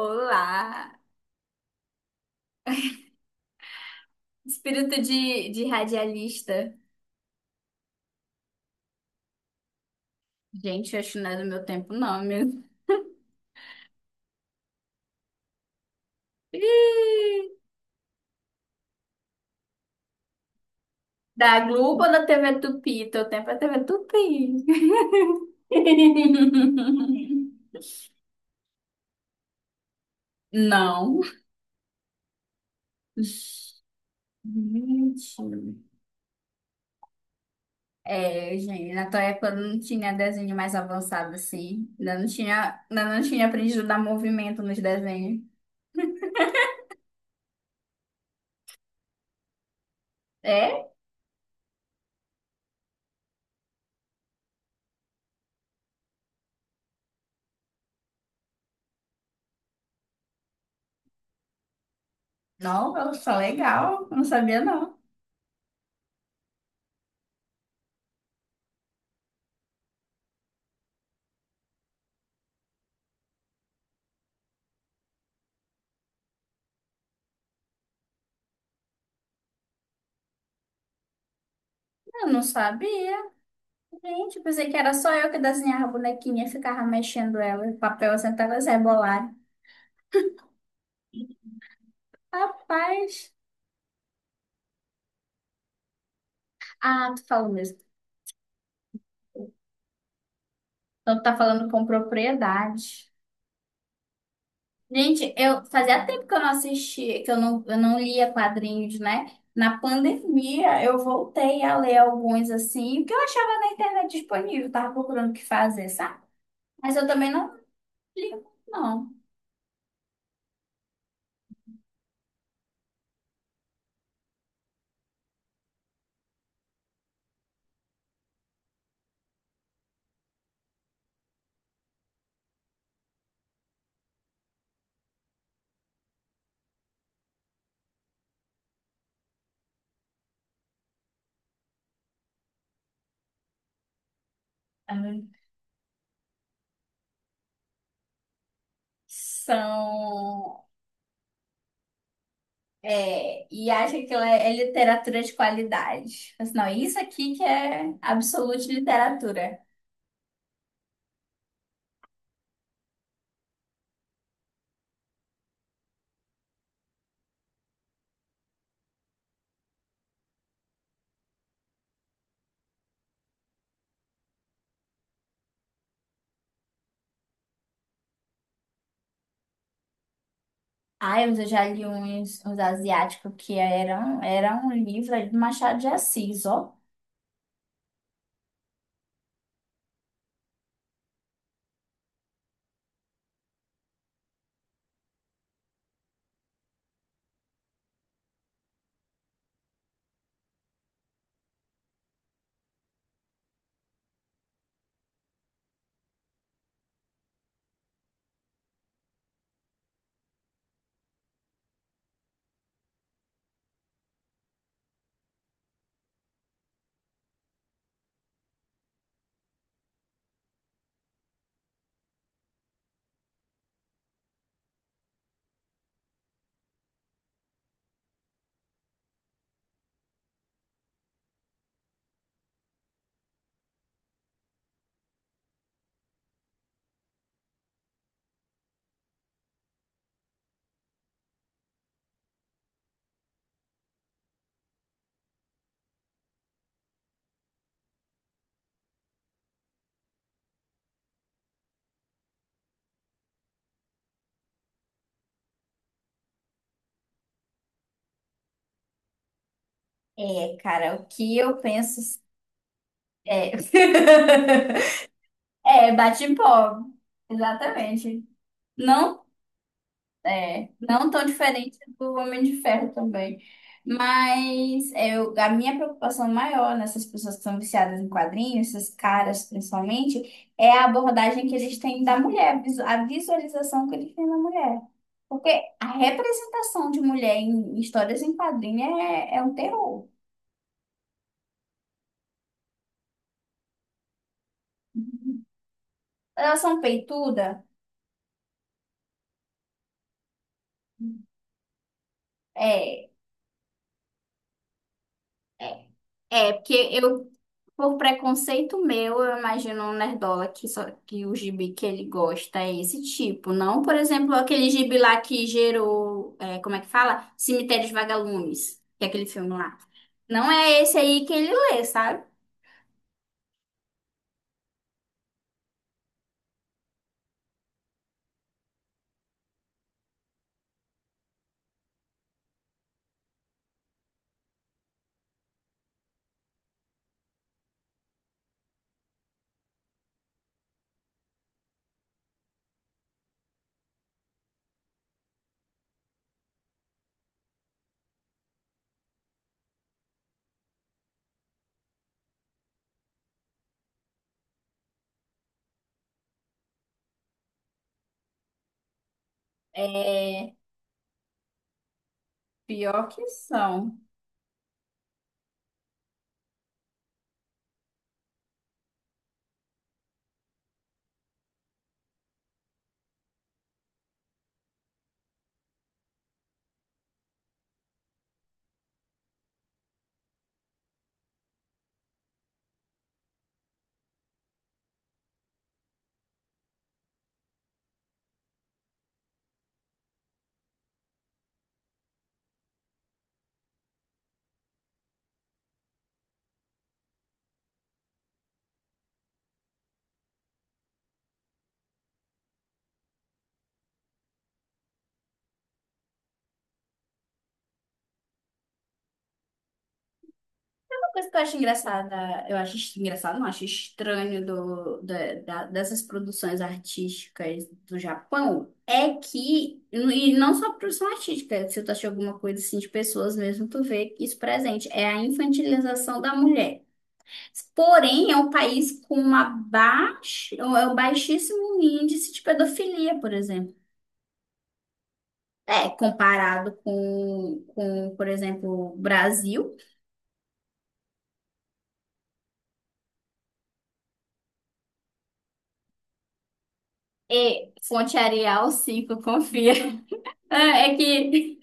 Olá! Espírito de radialista. Gente, acho que não é do meu tempo, não, meu. Ih. Da Globo ou da TV Tupi? Teu tempo é TV Tupi. Não. Gente. É, gente, na tua época não tinha desenho mais avançado assim. Ainda não tinha aprendido a dar movimento nos desenhos. É? Não, eu sou legal. Eu não sabia, não. Eu não sabia. Gente, eu pensei que era só eu que desenhava a bonequinha, e ficava mexendo ela, o papel assim, até elas rebolarem. Rapaz. Ah, tu falou mesmo. Então tu tá falando com propriedade. Gente, eu fazia tempo que eu não assistia, que eu não lia quadrinhos, né? Na pandemia eu voltei a ler alguns assim, que eu achava na internet disponível, tava procurando o que fazer, sabe? Mas eu também não li, muito, não. Ah, são. É, e acha que ela é literatura de qualidade. Mas não, isso aqui que é absoluta literatura. Ai, mas eu já li uns asiáticos que era um livro aí do Machado de Assis, ó. É, cara, o que eu penso é, é bate-pó, exatamente. Não. É, não tão diferente do Homem de Ferro também. Mas eu, a minha preocupação maior nessas pessoas que são viciadas em quadrinhos, esses caras principalmente, é a abordagem que eles têm da mulher, a visualização que eles têm da mulher. Porque a representação de mulher em histórias em quadrinhos é um terror. Elas são peituda? É. é, É, porque eu, por preconceito meu, eu imagino um nerdola que, só, que o gibi que ele gosta é esse tipo. Não, por exemplo, aquele gibi lá que gerou, como é que fala? Cemitérios Vagalumes, que é aquele filme lá. Não é esse aí que ele lê, sabe? É, pior que são. Uma coisa que eu acho engraçada, eu acho engraçado, não, acho estranho dessas produções artísticas do Japão é que, e não só produção artística, se tu achar alguma coisa assim de pessoas mesmo, tu vê isso presente, é a infantilização da mulher. Porém, é um país com uma baixa, é um baixíssimo índice de pedofilia, por exemplo. É, comparado com, por exemplo, o Brasil. E fonte Arial 5 confia. Ah, é que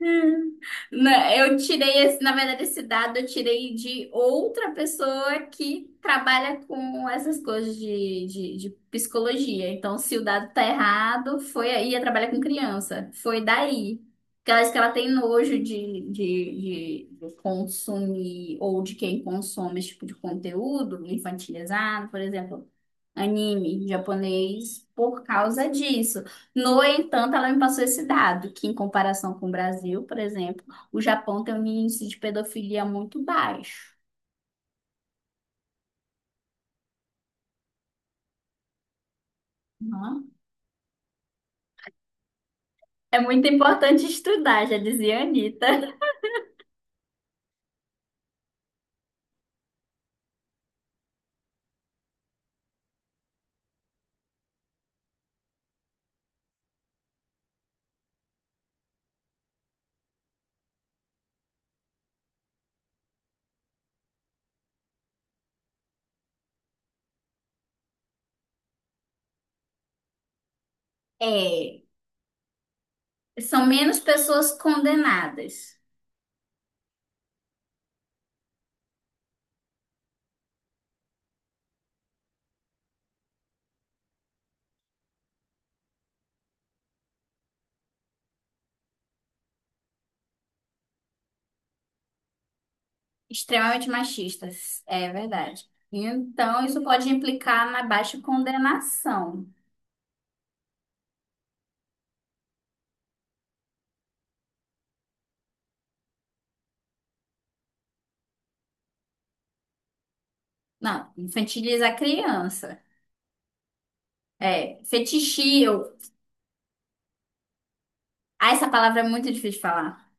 Eu tirei esse, na verdade, esse dado eu tirei de outra pessoa que trabalha com essas coisas de psicologia. Então, se o dado tá errado, foi aí, ela trabalha com criança. Foi daí. Porque ela diz que ela tem nojo de, de consumir ou de quem consome esse tipo de conteúdo infantilizado, por exemplo, anime japonês, por causa disso. No entanto, ela me passou esse dado, que em comparação com o Brasil, por exemplo, o Japão tem um índice de pedofilia muito baixo. Uhum. É muito importante estudar, já dizia a Anitta. É, são menos pessoas condenadas, extremamente machistas, é verdade. Então, isso pode implicar na baixa condenação. Não, infantiliza a criança. É, fetichio. Ah, essa palavra é muito difícil de falar.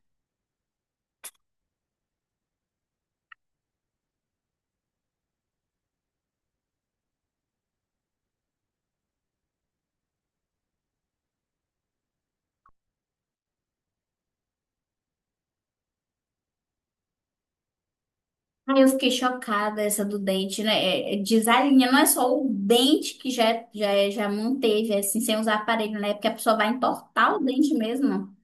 Ai, eu fiquei chocada essa do dente, né? Desalinha, não é só o dente que já manteve, é assim, sem usar aparelho, né? É. Porque a pessoa vai entortar o dente mesmo.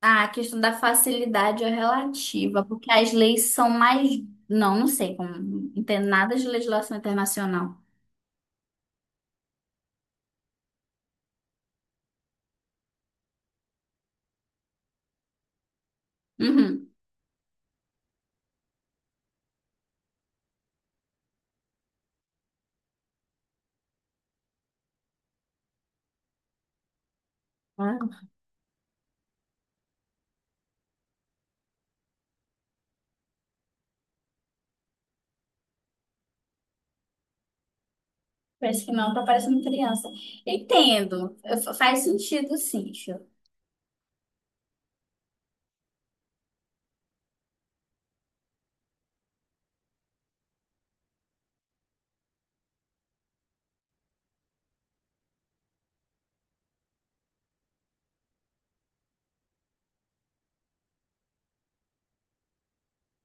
Ah, a questão da facilidade é relativa, porque as leis são mais. Não, não sei como. Não entendo nada de legislação internacional. Uhum. Parece que não, tá parecendo criança. Entendo. Faz sentido, sim, Chico.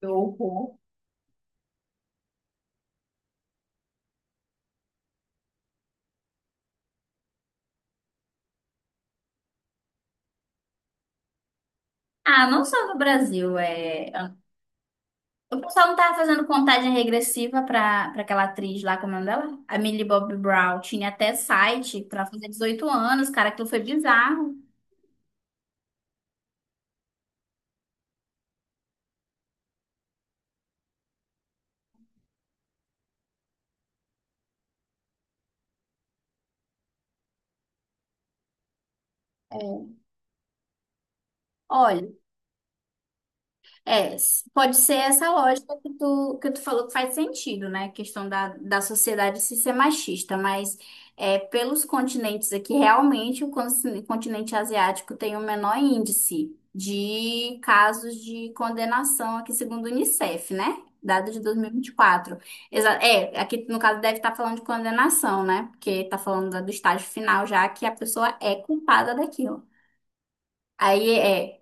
Que horror. Ah, não só no Brasil, é. O pessoal não tava fazendo contagem regressiva pra aquela atriz lá, como é o nome dela? A Millie Bobby Brown. Tinha até site pra fazer 18 anos, cara. Aquilo foi bizarro. É. Olha, pode ser essa lógica que tu falou que faz sentido, né? A questão da sociedade se ser machista, mas pelos continentes aqui, realmente o continente asiático tem o menor índice de casos de condenação aqui, segundo o Unicef, né? Dado de 2024. Aqui no caso deve estar falando de condenação, né? Porque está falando do estágio final já que a pessoa é culpada daquilo. Aí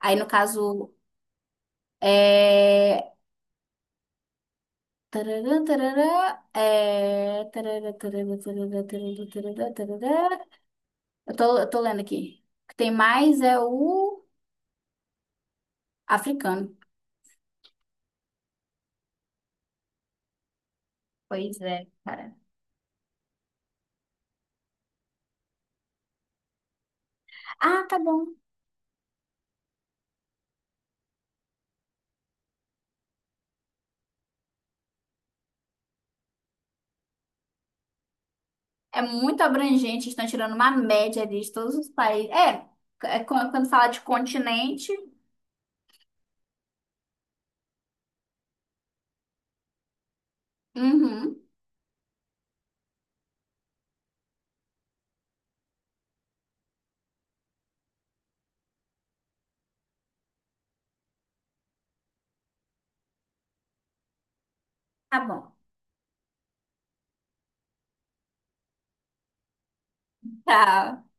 aí no caso. É, tararã, tararã, é, tararã, tararã, tararã, tararã, tararã, tararã. Eu tô lendo aqui. O que tem mais é o africano. Pois é, cara. Ah, tá bom. É muito abrangente, estão tirando uma média ali de todos os países. É quando fala de continente. Uhum. Tá bom. Tá.